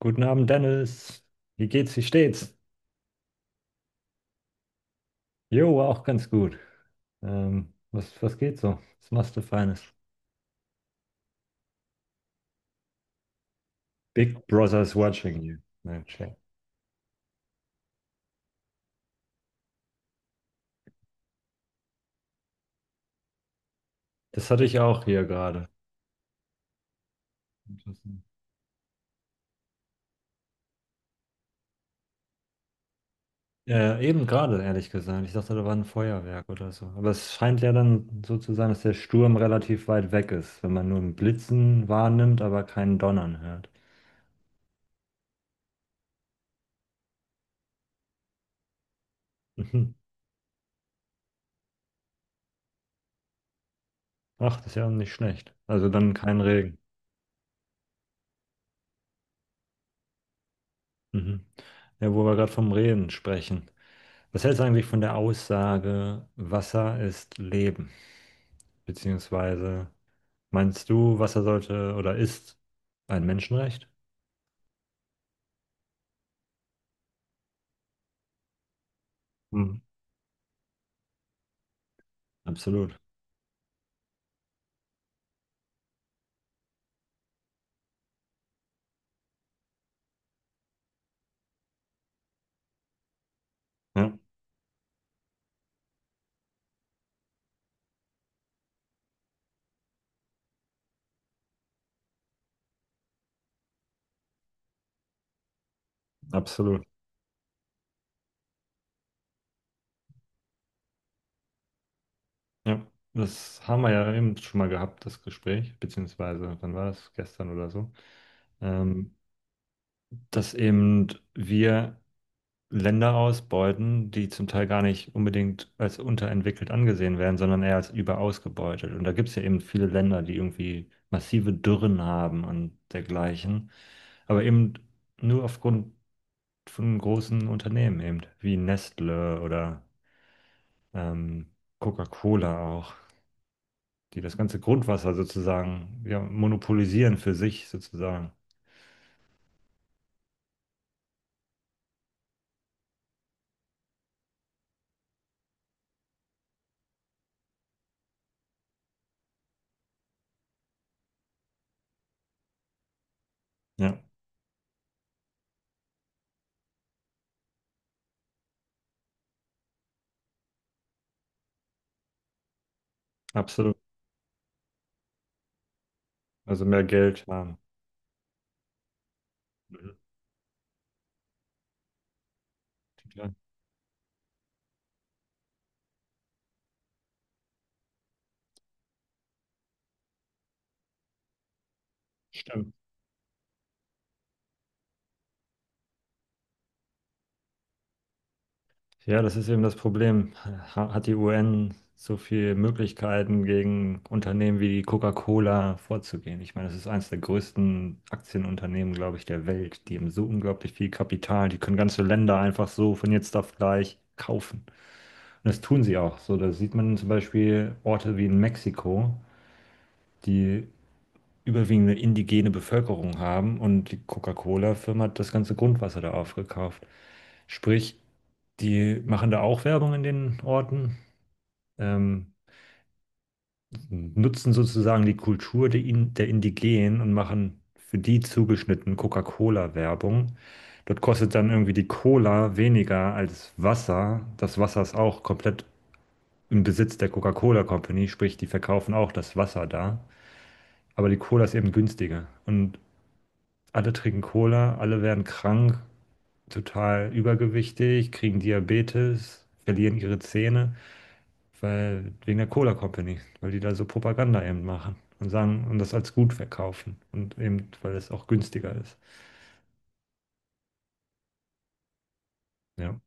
Guten Abend, Dennis. Wie geht's? Wie steht's? Jo, auch ganz gut. Was geht so? Was machst du Feines? Big Brother's watching you. Nein, check. Das hatte ich auch hier gerade. Interessant. Eben gerade, ehrlich gesagt. Ich dachte, da war ein Feuerwerk oder so. Aber es scheint ja dann so zu sein, dass der Sturm relativ weit weg ist, wenn man nur ein Blitzen wahrnimmt, aber keinen Donnern hört. Mhm. Ach, das ist ja nicht schlecht. Also dann kein Regen. Mhm. Ja, wo wir gerade vom Reden sprechen. Was hältst du eigentlich von der Aussage, Wasser ist Leben? Beziehungsweise meinst du, Wasser sollte oder ist ein Menschenrecht? Hm, absolut. Ja, absolut. Ja, das haben wir ja eben schon mal gehabt, das Gespräch, beziehungsweise wann war das? Gestern oder so. Ähm, dass eben wir Länder ausbeuten, die zum Teil gar nicht unbedingt als unterentwickelt angesehen werden, sondern eher als überausgebeutet. Und da gibt es ja eben viele Länder, die irgendwie massive Dürren haben und dergleichen, aber eben nur aufgrund von großen Unternehmen eben, wie Nestle oder ähm, Coca-Cola auch, die das ganze Grundwasser sozusagen ja, monopolisieren für sich sozusagen. Ja, absolut. Also mehr Geld haben. Mhm. Ja, stimmt. Ja, das ist eben das Problem. Hat die UN so viele Möglichkeiten, gegen Unternehmen wie die Coca-Cola vorzugehen? Ich meine, das ist eines der größten Aktienunternehmen, glaube ich, der Welt. Die haben so unglaublich viel Kapital. Die können ganze Länder einfach so von jetzt auf gleich kaufen. Und das tun sie auch. So, da sieht man zum Beispiel Orte wie in Mexiko, die überwiegend eine indigene Bevölkerung haben und die Coca-Cola-Firma hat das ganze Grundwasser da aufgekauft. Sprich, die machen da auch Werbung in den Orten, ähm, nutzen sozusagen die Kultur der, der Indigenen und machen für die zugeschnitten Coca-Cola-Werbung. Dort kostet dann irgendwie die Cola weniger als Wasser. Das Wasser ist auch komplett im Besitz der Coca-Cola Company, sprich, die verkaufen auch das Wasser da. Aber die Cola ist eben günstiger. Und alle trinken Cola, alle werden krank, total übergewichtig, kriegen Diabetes, verlieren ihre Zähne, weil wegen der Cola Company, weil die da so Propaganda eben machen und sagen und das als gut verkaufen und eben, weil es auch günstiger ist. Ja.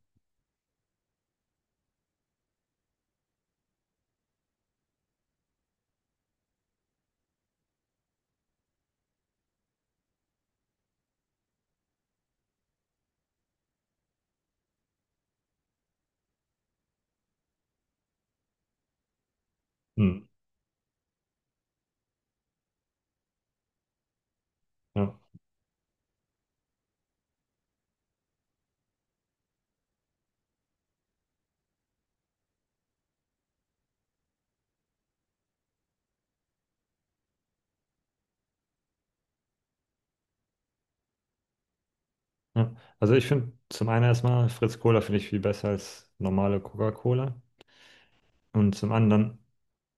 Hm. Ja. Ja. Also ich finde zum einen erstmal Fritz Cola finde ich viel besser als normale Coca-Cola und zum anderen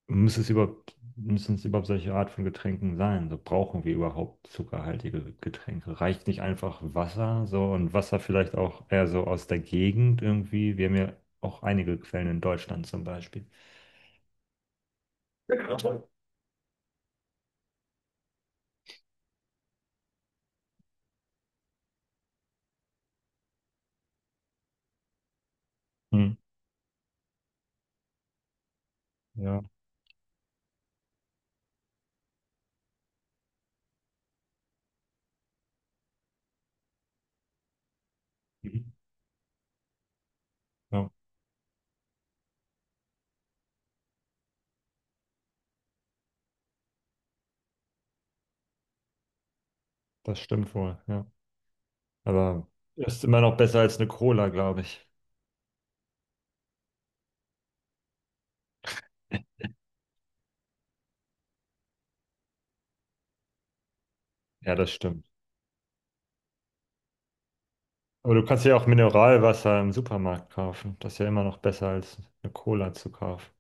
muss es überhaupt Müssen es überhaupt solche Art von Getränken sein? So brauchen wir überhaupt zuckerhaltige Getränke? Reicht nicht einfach Wasser so und Wasser vielleicht auch eher so aus der Gegend irgendwie? Wir haben ja auch einige Quellen in Deutschland zum Beispiel. Hm. Ja. Mhm. Ja, das stimmt wohl, ja. Aber ist immer noch besser als eine Cola, glaube ich. Ja, das stimmt. Aber du kannst ja auch Mineralwasser im Supermarkt kaufen. Das ist ja immer noch besser als eine Cola zu kaufen.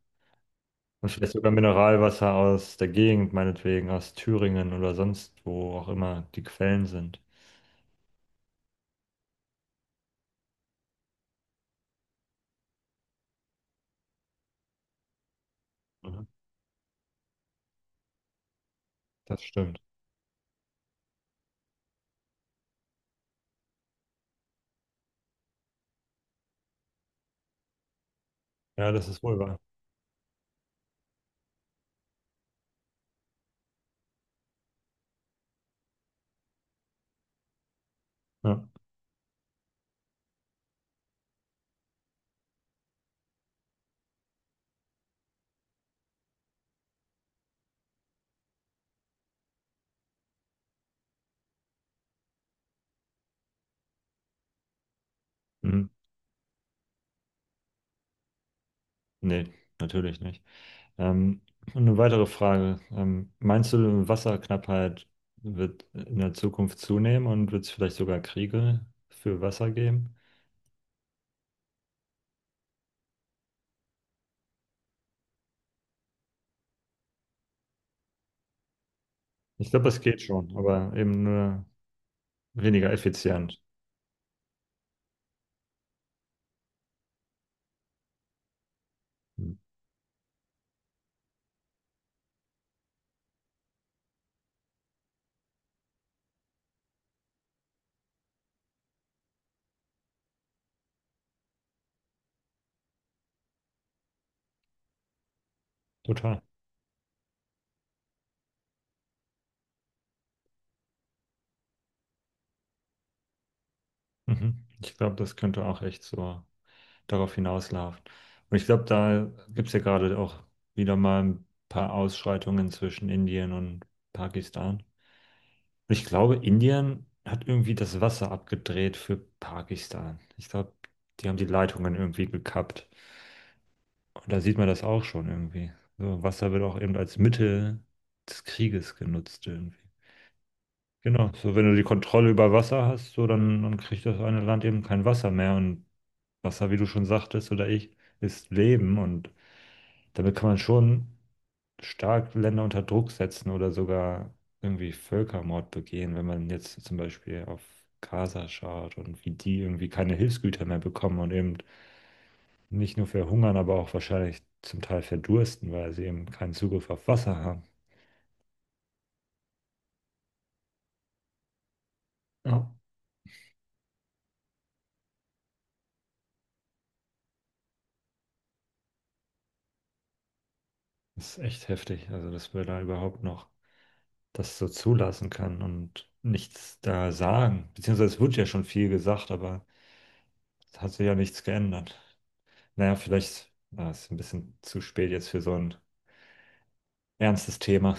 Und vielleicht sogar Mineralwasser aus der Gegend, meinetwegen, aus Thüringen oder sonst wo auch immer die Quellen sind. Mhm. Das stimmt. Ja, das ist wohl wahr. Ja. Mhm. Nee, natürlich nicht. Ähm, eine weitere Frage. Meinst du, Wasserknappheit wird in der Zukunft zunehmen und wird es vielleicht sogar Kriege für Wasser geben? Ich glaube, das geht schon, aber eben nur weniger effizient. Mhm. Total. Mhm. Ich glaube, das könnte auch echt so darauf hinauslaufen. Und ich glaube, da gibt es ja gerade auch wieder mal ein paar Ausschreitungen zwischen Indien und Pakistan. Und ich glaube, Indien hat irgendwie das Wasser abgedreht für Pakistan. Ich glaube, die haben die Leitungen irgendwie gekappt. Und da sieht man das auch schon irgendwie. So, Wasser wird auch eben als Mittel des Krieges genutzt irgendwie. Genau, so wenn du die Kontrolle über Wasser hast, so dann, dann kriegt das eine Land eben kein Wasser mehr. Und Wasser, wie du schon sagtest, oder ich, ist Leben. Und damit kann man schon stark Länder unter Druck setzen oder sogar irgendwie Völkermord begehen, wenn man jetzt zum Beispiel auf Gaza schaut und wie die irgendwie keine Hilfsgüter mehr bekommen und eben nicht nur verhungern, aber auch wahrscheinlich zum Teil verdursten, weil sie eben keinen Zugriff auf Wasser haben. Ja. Das ist echt heftig, also dass wir da überhaupt noch das so zulassen können und nichts da sagen. Beziehungsweise es wird ja schon viel gesagt, aber es hat sich ja nichts geändert. Naja, vielleicht ah, ist ein bisschen zu spät jetzt für so ein ernstes Thema.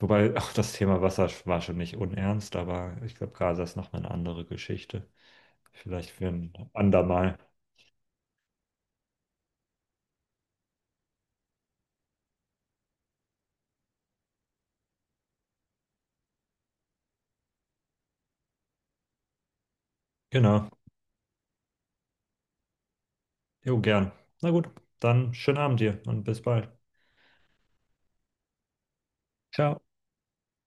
Wobei auch das Thema Wasser war schon nicht unernst, aber ich glaube, Gaza ist nochmal eine andere Geschichte. Vielleicht für ein andermal. Genau. Jo, gern. Na gut, dann schönen Abend dir und bis bald. Ciao.